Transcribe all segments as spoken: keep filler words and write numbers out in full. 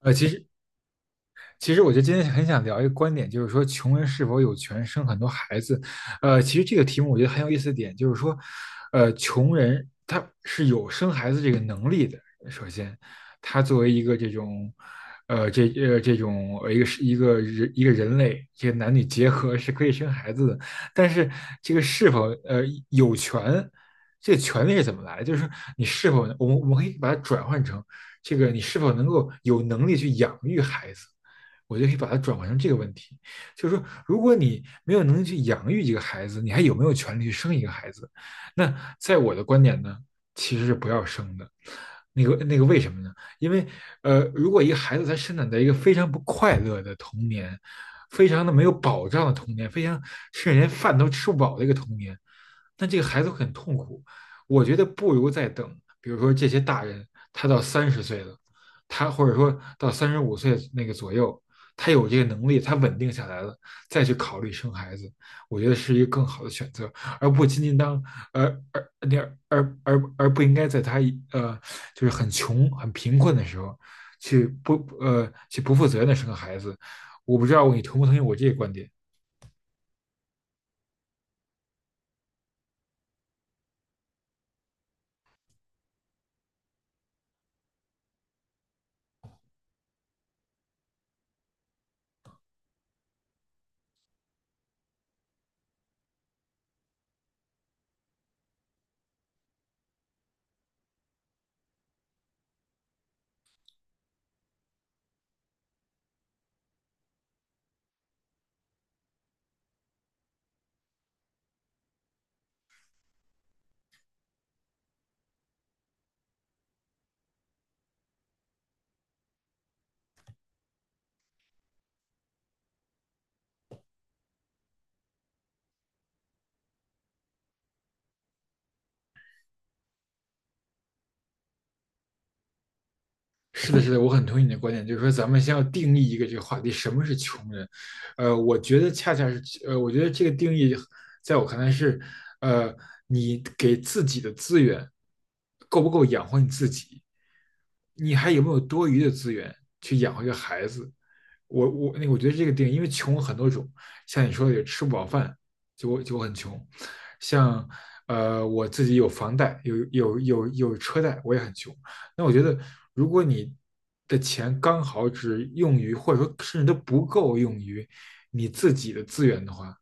呃，其实其实我就今天很想聊一个观点，就是说穷人是否有权生很多孩子？呃，其实这个题目我觉得很有意思的点就是说，呃，穷人他是有生孩子这个能力的。首先，他作为一个这种，呃，这呃这种呃一个是一个人一个人类，这个男女结合是可以生孩子的。但是这个是否呃有权，这个权利是怎么来的？就是说你是否我们我们可以把它转换成这个你是否能够有能力去养育孩子？我就可以把它转换成这个问题，就是说，如果你没有能力去养育一个孩子，你还有没有权利去生一个孩子？那在我的观点呢，其实是不要生的。那个那个为什么呢？因为呃，如果一个孩子他生长在一个非常不快乐的童年，非常的没有保障的童年，非常甚至连饭都吃不饱的一个童年，那这个孩子会很痛苦。我觉得不如再等，比如说这些大人，他到三十岁了，他或者说到三十五岁那个左右，他有这个能力，他稳定下来了，再去考虑生孩子，我觉得是一个更好的选择，而不仅仅当而而那而而而不应该在他呃就是很穷很贫困的时候去不呃去不负责任的生个孩子。我不知道你同不同意我这个观点。是的，是的，我很同意你的观点，就是说咱们先要定义一个这个话题，什么是穷人？呃，我觉得恰恰是，呃，我觉得这个定义在我看来是，呃，你给自己的资源够不够养活你自己？你还有没有多余的资源去养活一个孩子？我我那我觉得这个定义，因为穷有很多种，像你说的有吃不饱饭，就我就我很穷，像呃我自己有房贷，有有有有车贷，我也很穷。那我觉得，如果你的钱刚好只用于，或者说甚至都不够用于你自己的资源的话，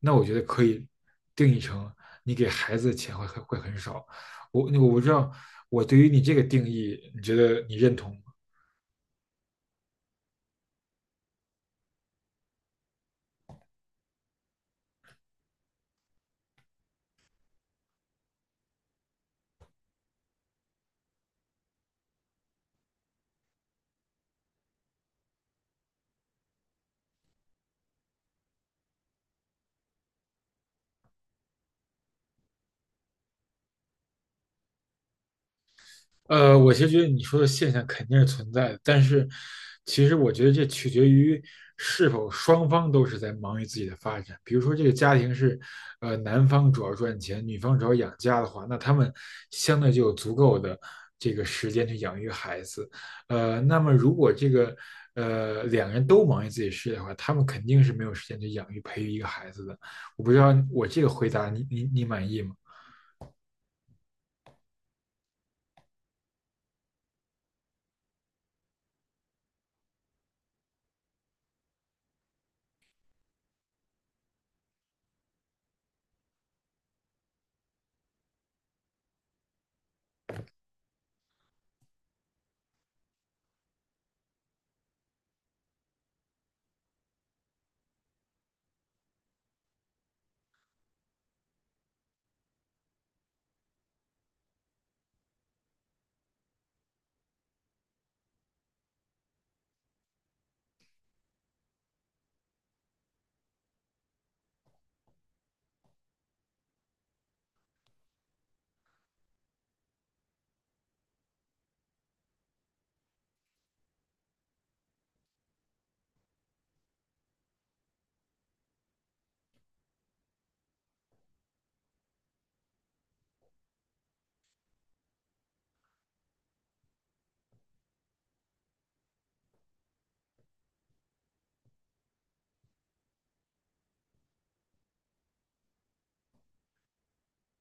那我觉得可以定义成你给孩子的钱会会会很少。我我不知道，我对于你这个定义，你觉得你认同吗？呃，我其实觉得你说的现象肯定是存在的，但是其实我觉得这取决于是否双方都是在忙于自己的发展。比如说，这个家庭是，呃，男方主要赚钱，女方主要养家的话，那他们相对就有足够的这个时间去养育孩子。呃，那么如果这个呃两个人都忙于自己事业的话，他们肯定是没有时间去养育培育一个孩子的。我不知道我这个回答你你你满意吗？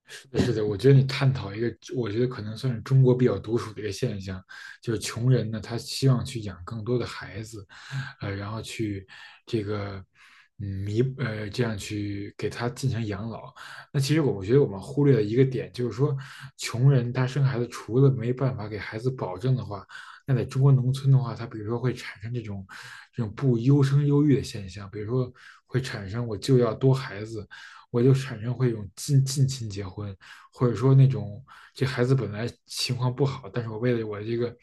是的，是的我觉得你探讨一个，我觉得可能算是中国比较独属的一个现象，就是穷人呢，他希望去养更多的孩子，呃，然后去这个嗯弥呃这样去给他进行养老。那其实我我觉得我们忽略了一个点，就是说穷人他生孩子除了没办法给孩子保证的话，那在中国农村的话，他比如说会产生这种这种不优生优育的现象，比如说会产生我就要多孩子，我就产生会有近近亲结婚，或者说那种这孩子本来情况不好，但是我为了我这个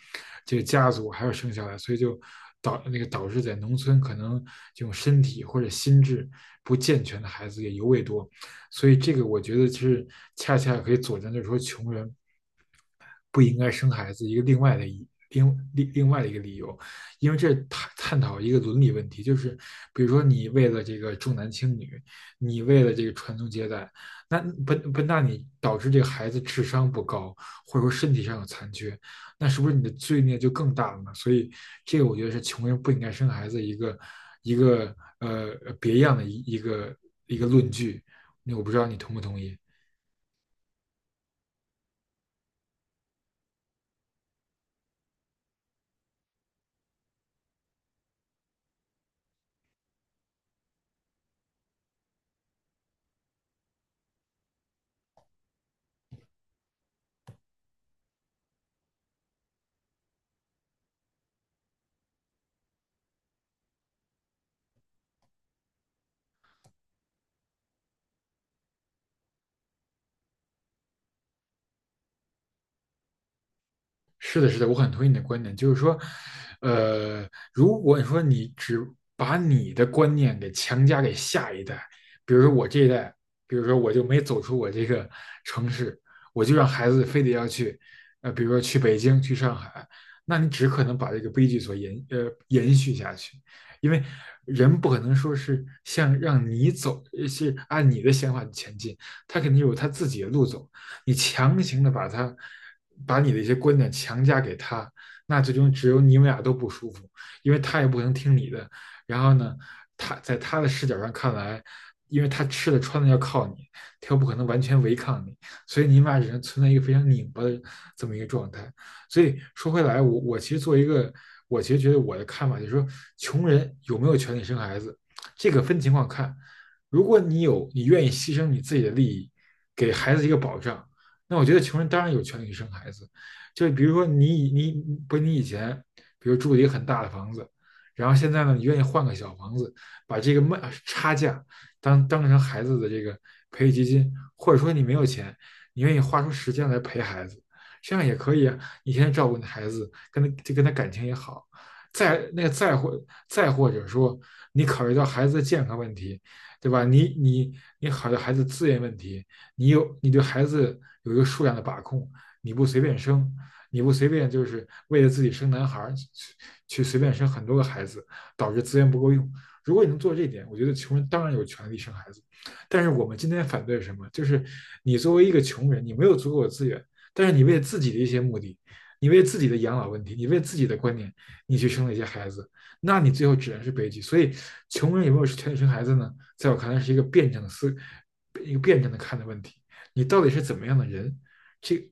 这个家族还要生下来，所以就导那个导致在农村可能这种身体或者心智不健全的孩子也尤为多，所以这个我觉得是恰恰可以佐证，就是说穷人不应该生孩子一个另外的一另另另外的一个理由，因为这探探讨一个伦理问题，就是比如说你为了这个重男轻女，你为了这个传宗接代，那不不那你导致这个孩子智商不高，或者说身体上有残缺，那是不是你的罪孽就更大了呢？所以这个我觉得是穷人不应该生孩子一个一个呃别样的一一个一个论据，那我不知道你同不同意。是的，是的，我很同意你的观点，就是说，呃，如果你说你只把你的观念给强加给下一代，比如说我这一代，比如说我就没走出我这个城市，我就让孩子非得要去，呃，比如说去北京、去上海，那你只可能把这个悲剧所延呃延续下去，因为人不可能说是像让你走，呃是按你的想法前进，他肯定有他自己的路走。你强行的把他把你的一些观点强加给他，那最终只有你们俩都不舒服，因为他也不能听你的。然后呢，他在他的视角上看来，因为他吃的穿的要靠你，他又不可能完全违抗你，所以你们俩只能存在一个非常拧巴的这么一个状态。所以说回来，我我其实做一个，我其实觉得我的看法就是说，穷人有没有权利生孩子，这个分情况看。如果你有，你愿意牺牲你自己的利益，给孩子一个保障，那我觉得穷人当然有权利生孩子，就比如说你你不是你以前，比如住了一个很大的房子，然后现在呢，你愿意换个小房子，把这个卖差价当当成孩子的这个培育基金，或者说你没有钱，你愿意花出时间来陪孩子，这样也可以啊。你天天照顾你的孩子，跟他就跟他感情也好。再那个再或再或者说，你考虑到孩子的健康问题，对吧？你你你考虑到孩子资源问题，你有你对孩子有一个数量的把控，你不随便生，你不随便就是为了自己生男孩去去随便生很多个孩子，导致资源不够用。如果你能做这一点，我觉得穷人当然有权利生孩子。但是我们今天反对什么？就是你作为一个穷人，你没有足够的资源，但是你为自己的一些目的，你为自己的养老问题，你为自己的观念，你去生了一些孩子，那你最后只能是悲剧。所以，穷人有没有权利生孩子呢？在我看来，是一个辩证的思一个辩证的看的问题，你到底是怎么样的人？这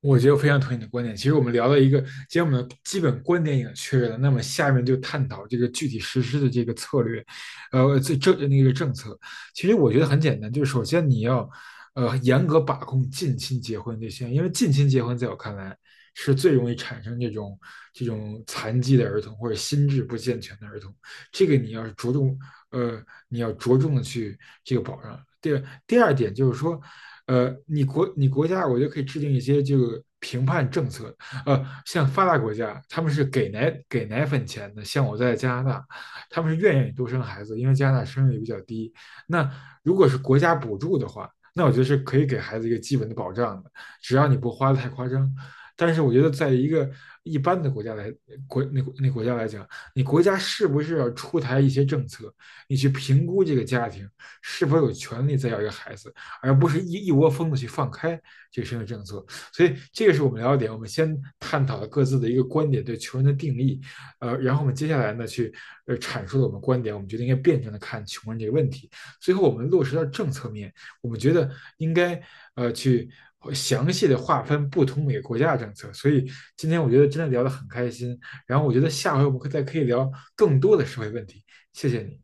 我觉得我非常同意你的观点。其实我们聊了一个，既然我们的基本观点已经确认了，那么下面就探讨这个具体实施的这个策略，呃，这这那个政策。其实我觉得很简单，就是首先你要，呃，严格把控近亲结婚这些，因为近亲结婚在我看来是最容易产生这种这种残疾的儿童或者心智不健全的儿童，这个你要着重，呃，你要着重的去这个保障。第二第二点就是说，呃，你国你国家，我觉得可以制定一些这个评判政策。呃，像发达国家，他们是给奶给奶粉钱的，像我在加拿大，他们是愿意多生孩子，因为加拿大生育率比较低。那如果是国家补助的话，那我觉得是可以给孩子一个基本的保障的，只要你不花的太夸张。但是我觉得，在一个一般的国家来国那那国家来讲，你国家是不是要出台一些政策，你去评估这个家庭是否有权利再要一个孩子？而不是一一窝蜂的去放开这个社会政策。所以这个是我们聊的点，我们先探讨了各自的一个观点对穷人的定义，呃，然后我们接下来呢去呃阐述了我们观点，我们觉得应该辩证的看穷人这个问题。最后我们落实到政策面，我们觉得应该呃去。详细的划分不同每个国家的政策，所以今天我觉得真的聊得很开心。然后我觉得下回我们再可以聊更多的社会问题。谢谢你。